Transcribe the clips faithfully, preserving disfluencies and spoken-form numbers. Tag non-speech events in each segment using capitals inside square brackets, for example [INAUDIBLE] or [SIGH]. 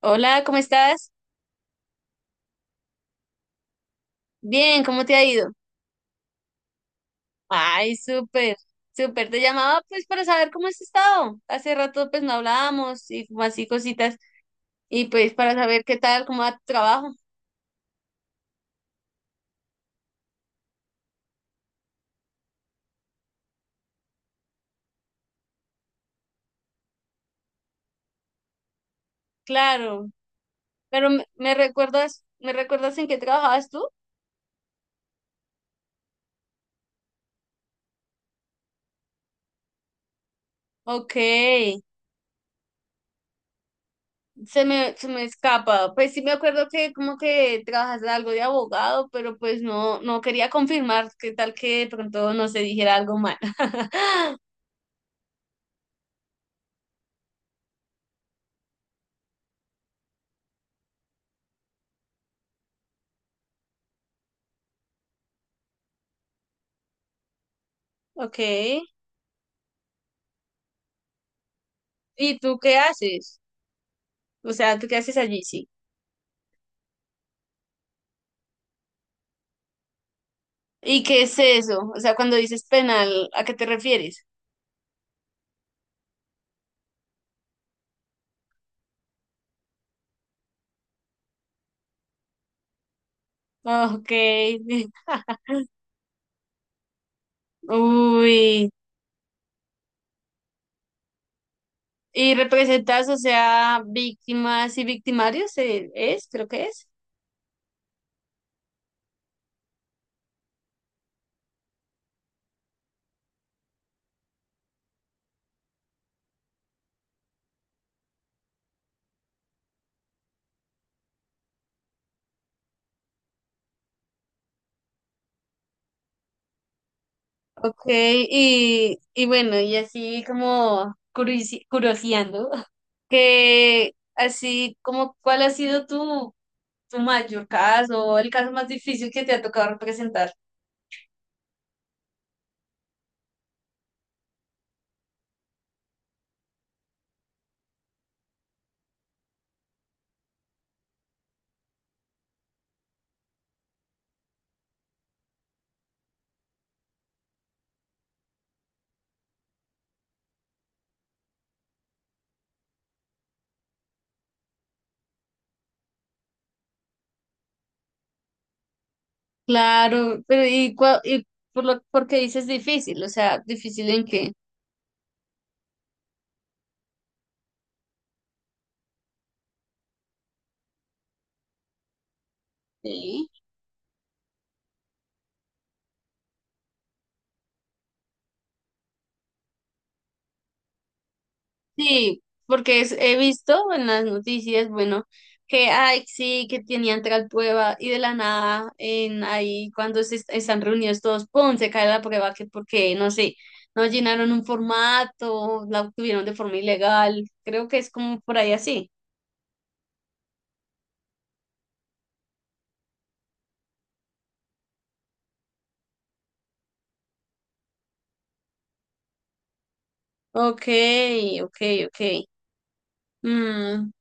Hola, ¿cómo estás? Bien, ¿cómo te ha ido? Ay, súper, súper. Te llamaba pues para saber cómo has estado. Hace rato pues no hablábamos y como así cositas y pues para saber qué tal, cómo va tu trabajo. Claro, pero me, me recuerdas, ¿me recuerdas en qué trabajabas tú? Ok, se me, se me escapa. Pues sí me acuerdo que como que trabajas algo de abogado, pero pues no, no quería confirmar qué tal que de pronto no se dijera algo mal. [LAUGHS] Ok, ¿y tú qué haces? O sea, ¿tú qué haces allí? Sí. ¿Y qué es eso? O sea, cuando dices penal, ¿a qué te refieres? Ok. [LAUGHS] Uy. ¿Y representas, o sea, víctimas y victimarios? eh, ¿Es? Creo que es. Ok. Y, y bueno, y así como curiosi- curioseando, [LAUGHS] que así como, ¿cuál ha sido tu, tu mayor caso o el caso más difícil que te ha tocado representar? Claro, pero y, cua- y por lo porque dices difícil, o sea, difícil en qué. Sí. Sí, porque es- he visto en las noticias, bueno, que ay, sí, que tenían tal prueba y de la nada, en ahí cuando se est- están reunidos todos, ¡pum! Se cae la prueba que porque, no sé, no llenaron un formato, la obtuvieron de forma ilegal. Creo que es como por ahí así. Ok, ok, ok. Mm,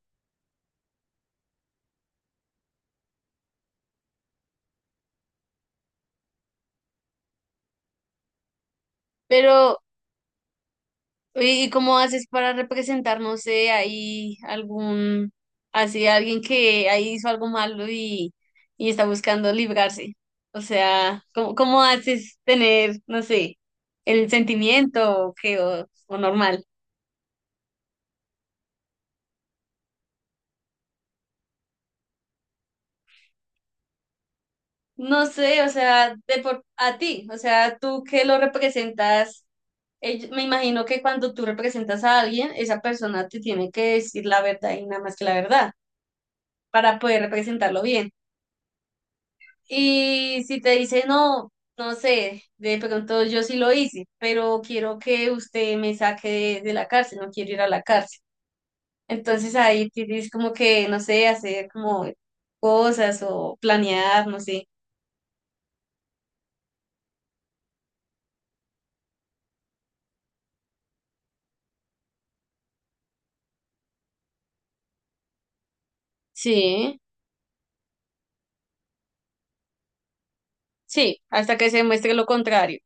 pero ¿y cómo haces para representar, no sé, ahí algún, así alguien que ahí hizo algo malo y, y está buscando librarse? O sea, ¿cómo, cómo haces tener, no sé, el sentimiento o qué, o, o normal? No sé, o sea, de por, a ti, o sea, tú que lo representas, ell- me imagino que cuando tú representas a alguien, esa persona te tiene que decir la verdad y nada más que la verdad para poder representarlo bien. Y si te dice no, no sé, de pronto yo sí lo hice, pero quiero que usted me saque de, de la cárcel, no quiero ir a la cárcel. Entonces ahí tienes como que, no sé, hacer como cosas o planear, no sé. Sí, sí, hasta que se muestre lo contrario.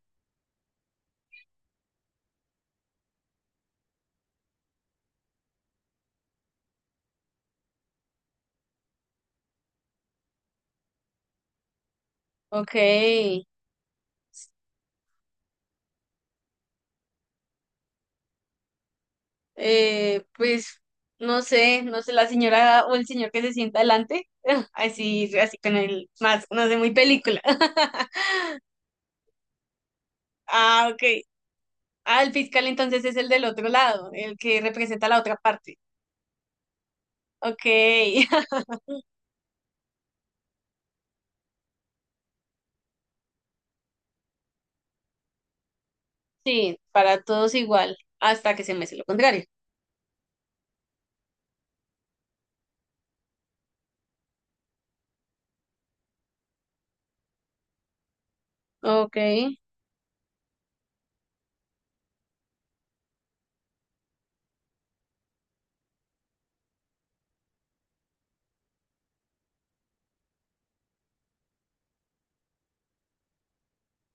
Ok, eh, pues no sé, no sé, la señora o el señor que se sienta adelante, [LAUGHS] así, así con el más, no sé, muy película. [LAUGHS] Ah, ok. Ah, el fiscal entonces es el del otro lado, el que representa la otra parte. Ok, [LAUGHS] sí, para todos igual, hasta que se me hace lo contrario. Ok.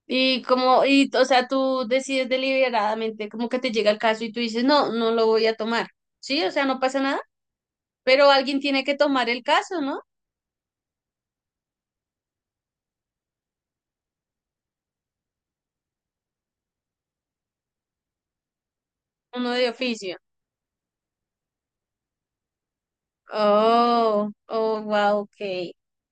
Y como, y, o sea, tú decides deliberadamente, como que te llega el caso y tú dices, no, no lo voy a tomar. Sí, o sea, no pasa nada, pero alguien tiene que tomar el caso, ¿no? Uno de oficio. Oh, oh, wow, ok.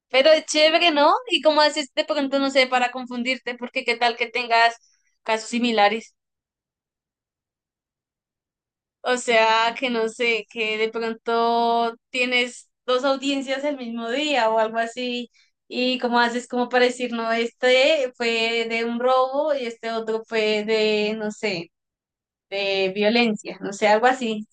Pero es chévere, ¿no? Y como haces de pronto, no sé, para confundirte, porque qué tal que tengas casos similares. O sea, que no sé, que de pronto tienes dos audiencias el mismo día o algo así, y cómo haces como para decir, no, este fue de un robo y este otro fue de, no sé, de violencia, no sé, algo así.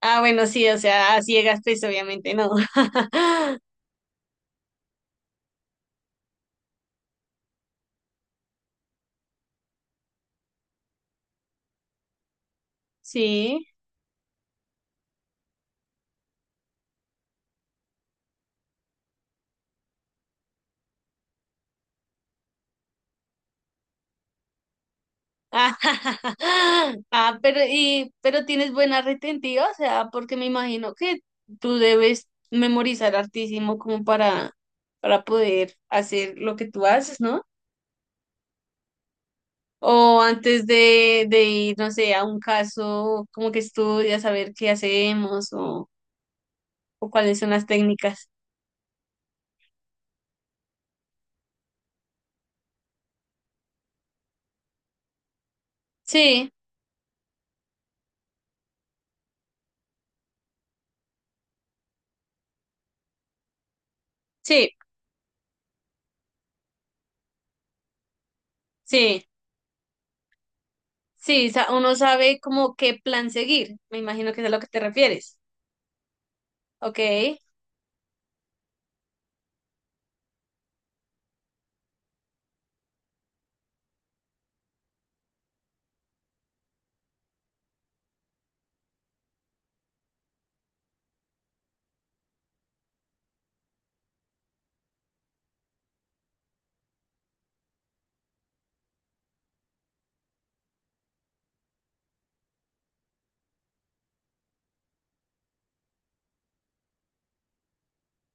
Ah, bueno, sí, o sea, a ciegas, pues obviamente no. [LAUGHS] Sí. Ah, [LAUGHS] ah, pero y pero tienes buena retentiva, o sea, porque me imagino que tú debes memorizar hartísimo como para para poder hacer lo que tú haces, ¿no? O antes de, de ir, no sé, a un caso, como que estudias a ver qué hacemos o, o cuáles son las técnicas. Sí, sí, sí, sí, sa- uno sabe como qué plan seguir. Me imagino que es a lo que te refieres. Ok.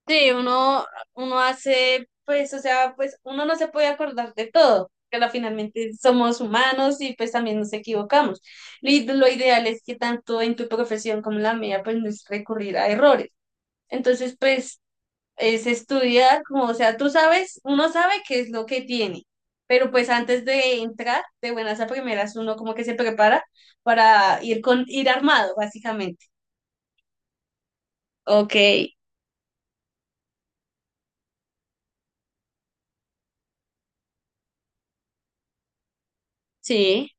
Sí, uno, uno hace, pues, o sea, pues uno no se puede acordar de todo, pero finalmente somos humanos y pues también nos equivocamos. Y lo ideal es que tanto en tu profesión como en la mía, pues no es recurrir a errores. Entonces, pues, es estudiar, como, o sea, tú sabes, uno sabe qué es lo que tiene, pero pues antes de entrar, de buenas a primeras, uno como que se prepara para ir con, ir armado, básicamente. Ok, sí.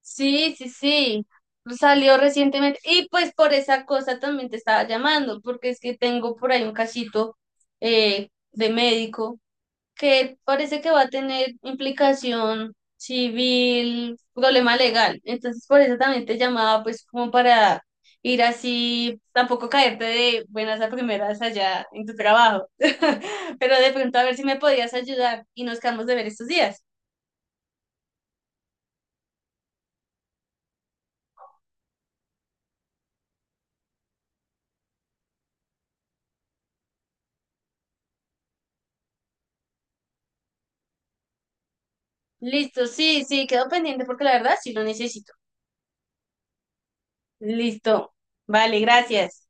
Sí, sí, sí. Salió recientemente. Y pues por esa cosa también te estaba llamando, porque es que tengo por ahí un casito eh, de médico que parece que va a tener implicación civil, problema legal. Entonces por eso también te llamaba, pues como para ir así, tampoco caerte de buenas a primeras allá en tu trabajo. [LAUGHS] Pero de pronto a ver si me podías ayudar y nos quedamos de ver estos días. Listo, sí, sí, quedó pendiente porque la verdad sí lo necesito. Listo. Vale, gracias.